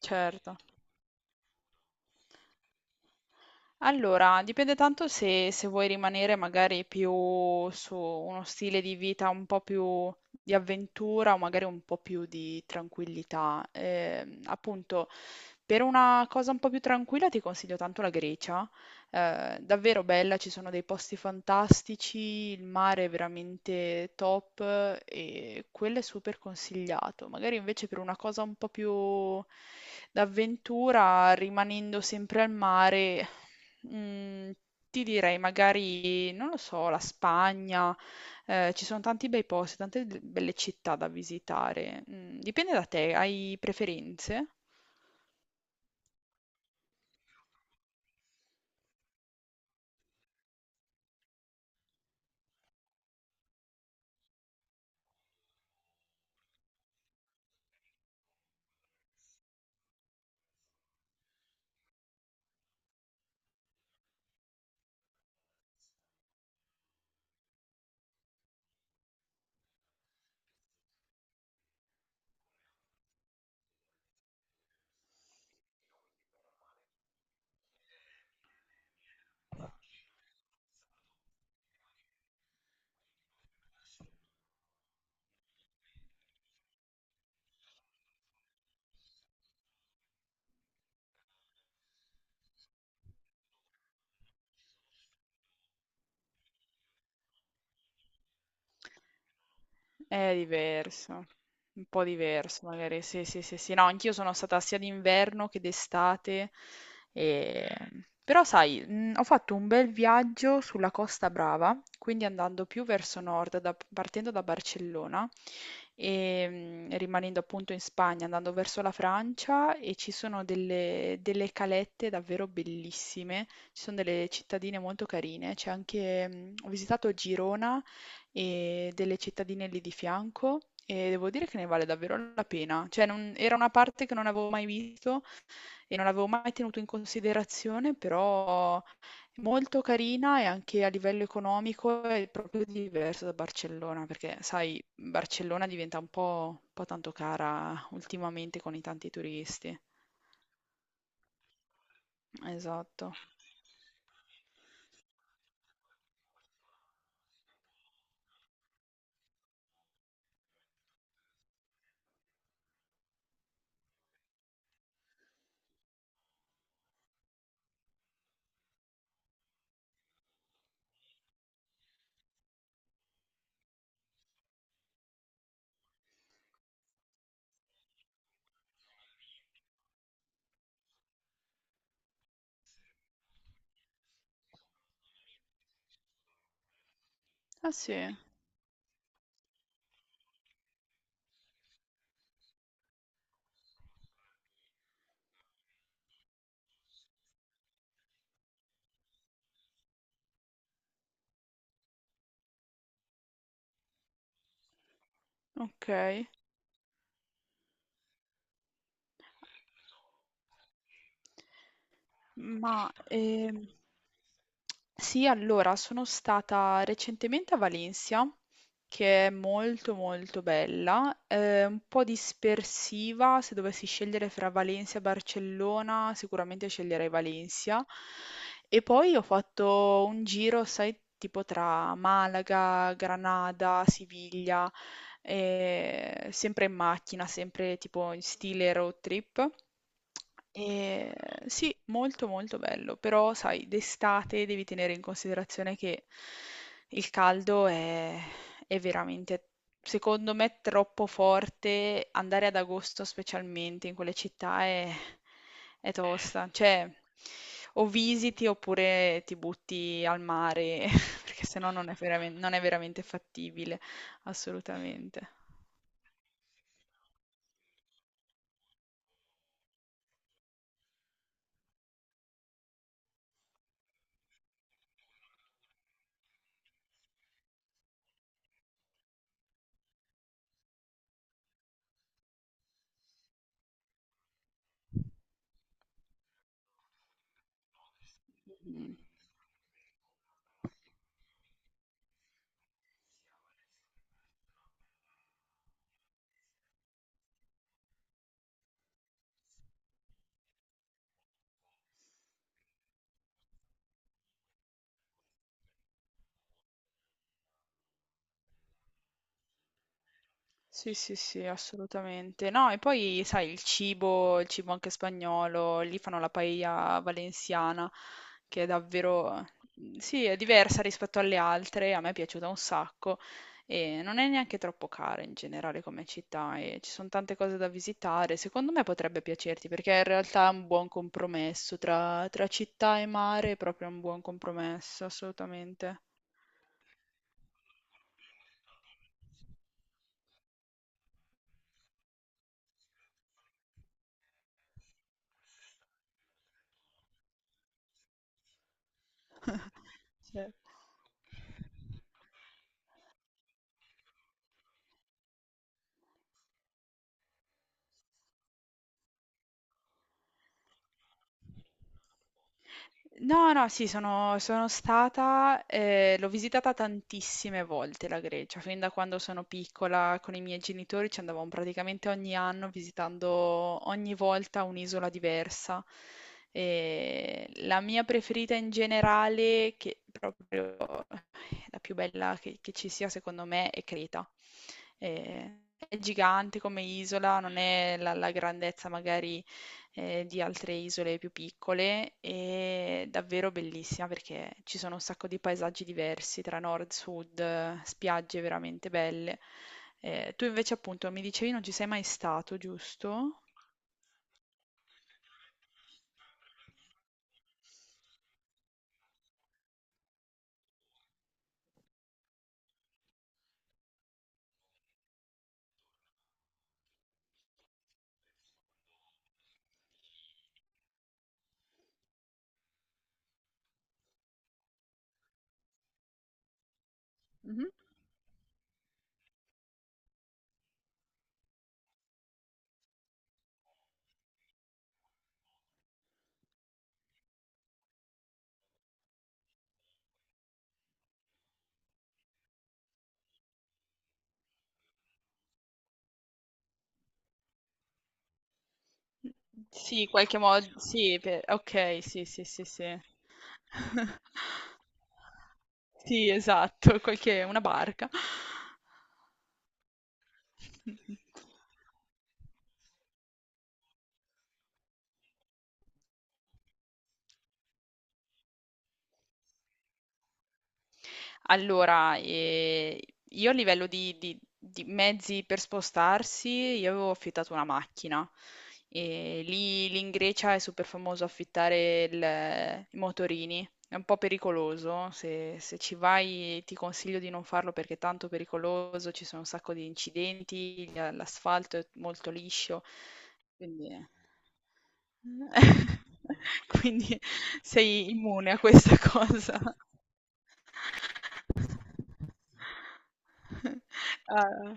Certo. Allora, dipende tanto se, se vuoi rimanere magari più su uno stile di vita un po' più di avventura o magari un po' più di tranquillità. Appunto, per una cosa un po' più tranquilla ti consiglio tanto la Grecia, davvero bella, ci sono dei posti fantastici, il mare è veramente top e quello è super consigliato. Magari invece per una cosa un po' più d'avventura, rimanendo sempre al mare, mm, ti direi magari, non lo so, la Spagna. Ci sono tanti bei posti, tante belle città da visitare. Mm, dipende da te, hai preferenze? È diverso, un po' diverso magari, sì, sì, sì, sì. No, anch'io sono stata sia d'inverno che d'estate, e- però sai, ho fatto un bel viaggio sulla Costa Brava, quindi andando più verso nord, partendo da Barcellona e rimanendo appunto in Spagna, andando verso la Francia, e ci sono delle, delle calette davvero bellissime, ci sono delle cittadine molto carine, c'è anche, ho visitato Girona e delle cittadine lì di fianco, e devo dire che ne vale davvero la pena. Cioè, era una parte che non avevo mai visto e non avevo mai tenuto in considerazione, però è molto carina, e anche a livello economico è proprio diverso da Barcellona, perché sai, Barcellona diventa un po' tanto cara ultimamente con i tanti turisti. Esatto. Ah sì, ok. Ma sì, allora sono stata recentemente a Valencia, che è molto molto bella, un po' dispersiva. Se dovessi scegliere fra Valencia e Barcellona, sicuramente sceglierei Valencia. E poi ho fatto un giro, sai, tipo tra Malaga, Granada, Siviglia, sempre in macchina, sempre tipo in stile road trip. E sì, molto molto bello, però sai, d'estate devi tenere in considerazione che il caldo è veramente, secondo me, troppo forte. Andare ad agosto specialmente in quelle città è tosta. Cioè, o visiti oppure ti butti al mare, perché sennò non è non è veramente fattibile, assolutamente. Mm. Sì, sì, sì, assolutamente. No, e poi sai, il cibo anche spagnolo, lì fanno la paella valenziana, che è davvero, sì, è diversa rispetto alle altre, a me è piaciuta un sacco, e non è neanche troppo cara in generale come città, e ci sono tante cose da visitare. Secondo me potrebbe piacerti perché in realtà è un buon compromesso tra, tra città e mare, è proprio un buon compromesso, assolutamente. Sì. No, no, sì, sono, sono stata, l'ho visitata tantissime volte la Grecia, fin da quando sono piccola con i miei genitori ci andavamo praticamente ogni anno, visitando ogni volta un'isola diversa. E la mia preferita in generale, che proprio la più bella che ci sia secondo me, è Creta. Ehm, è gigante come isola, non è la grandezza magari, di altre isole più piccole. È davvero bellissima perché ci sono un sacco di paesaggi diversi tra nord e sud, spiagge veramente belle. Tu invece appunto mi dicevi non ci sei mai stato, giusto? Mh-mh. Sì, qualche modo sì, pe okay, sì, sì, sì, sì. Sì, esatto, qualche una barca. Allora, io a livello di, di mezzi per spostarsi, io avevo affittato una macchina. E lì, lì in Grecia è super famoso affittare i motorini. È un po' pericoloso, se, se ci vai ti consiglio di non farlo perché è tanto pericoloso, ci sono un sacco di incidenti, l'asfalto è molto liscio, quindi... Quindi sei immune a questa cosa. Ah,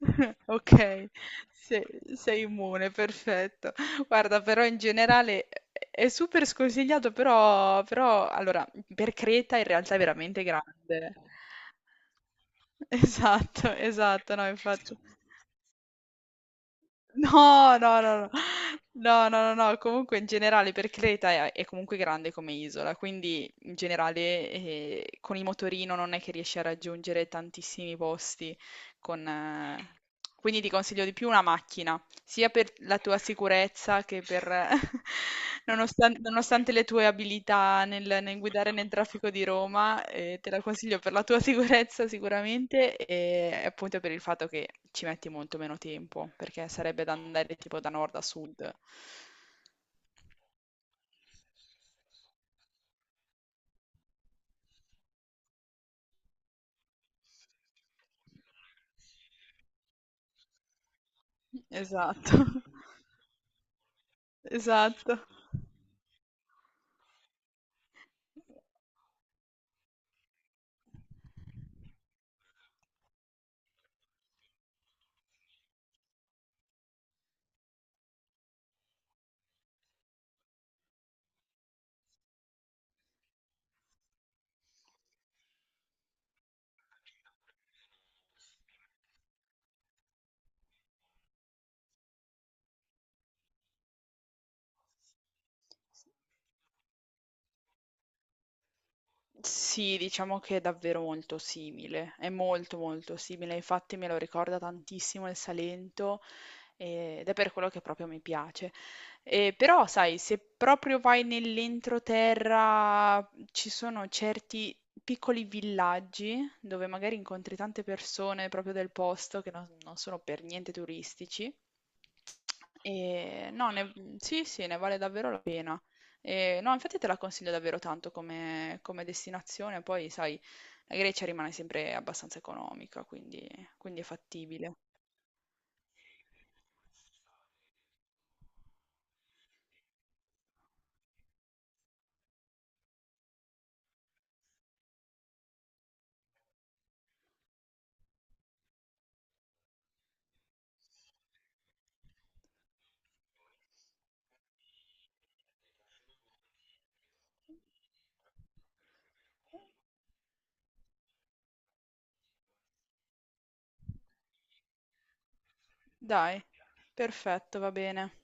ok, sei, sei immune, perfetto. Guarda, però in generale è super sconsigliato, però, però allora, per Creta in realtà è veramente grande. Esatto, esatto, no, infatti. No, no, no, no, no, no, no, no, comunque in generale per Creta è comunque grande come isola, quindi in generale con il motorino non è che riesci a raggiungere tantissimi posti, con, quindi ti consiglio di più una macchina, sia per la tua sicurezza che per nonostante le tue abilità nel guidare nel traffico di Roma, te la consiglio per la tua sicurezza sicuramente, e appunto per il fatto che ci metti molto meno tempo, perché sarebbe da andare tipo da nord a sud. Esatto, esatto. Sì, diciamo che è davvero molto simile, è molto molto simile, infatti me lo ricorda tantissimo il Salento ed è per quello che proprio mi piace. Però, sai, se proprio vai nell'entroterra ci sono certi piccoli villaggi dove magari incontri tante persone proprio del posto, che non sono per niente turistici. E no, sì, sì, ne vale davvero la pena. E, no, infatti te la consiglio davvero tanto come, come destinazione, poi sai, la Grecia rimane sempre abbastanza economica, quindi, quindi è fattibile. Dai, perfetto, va bene.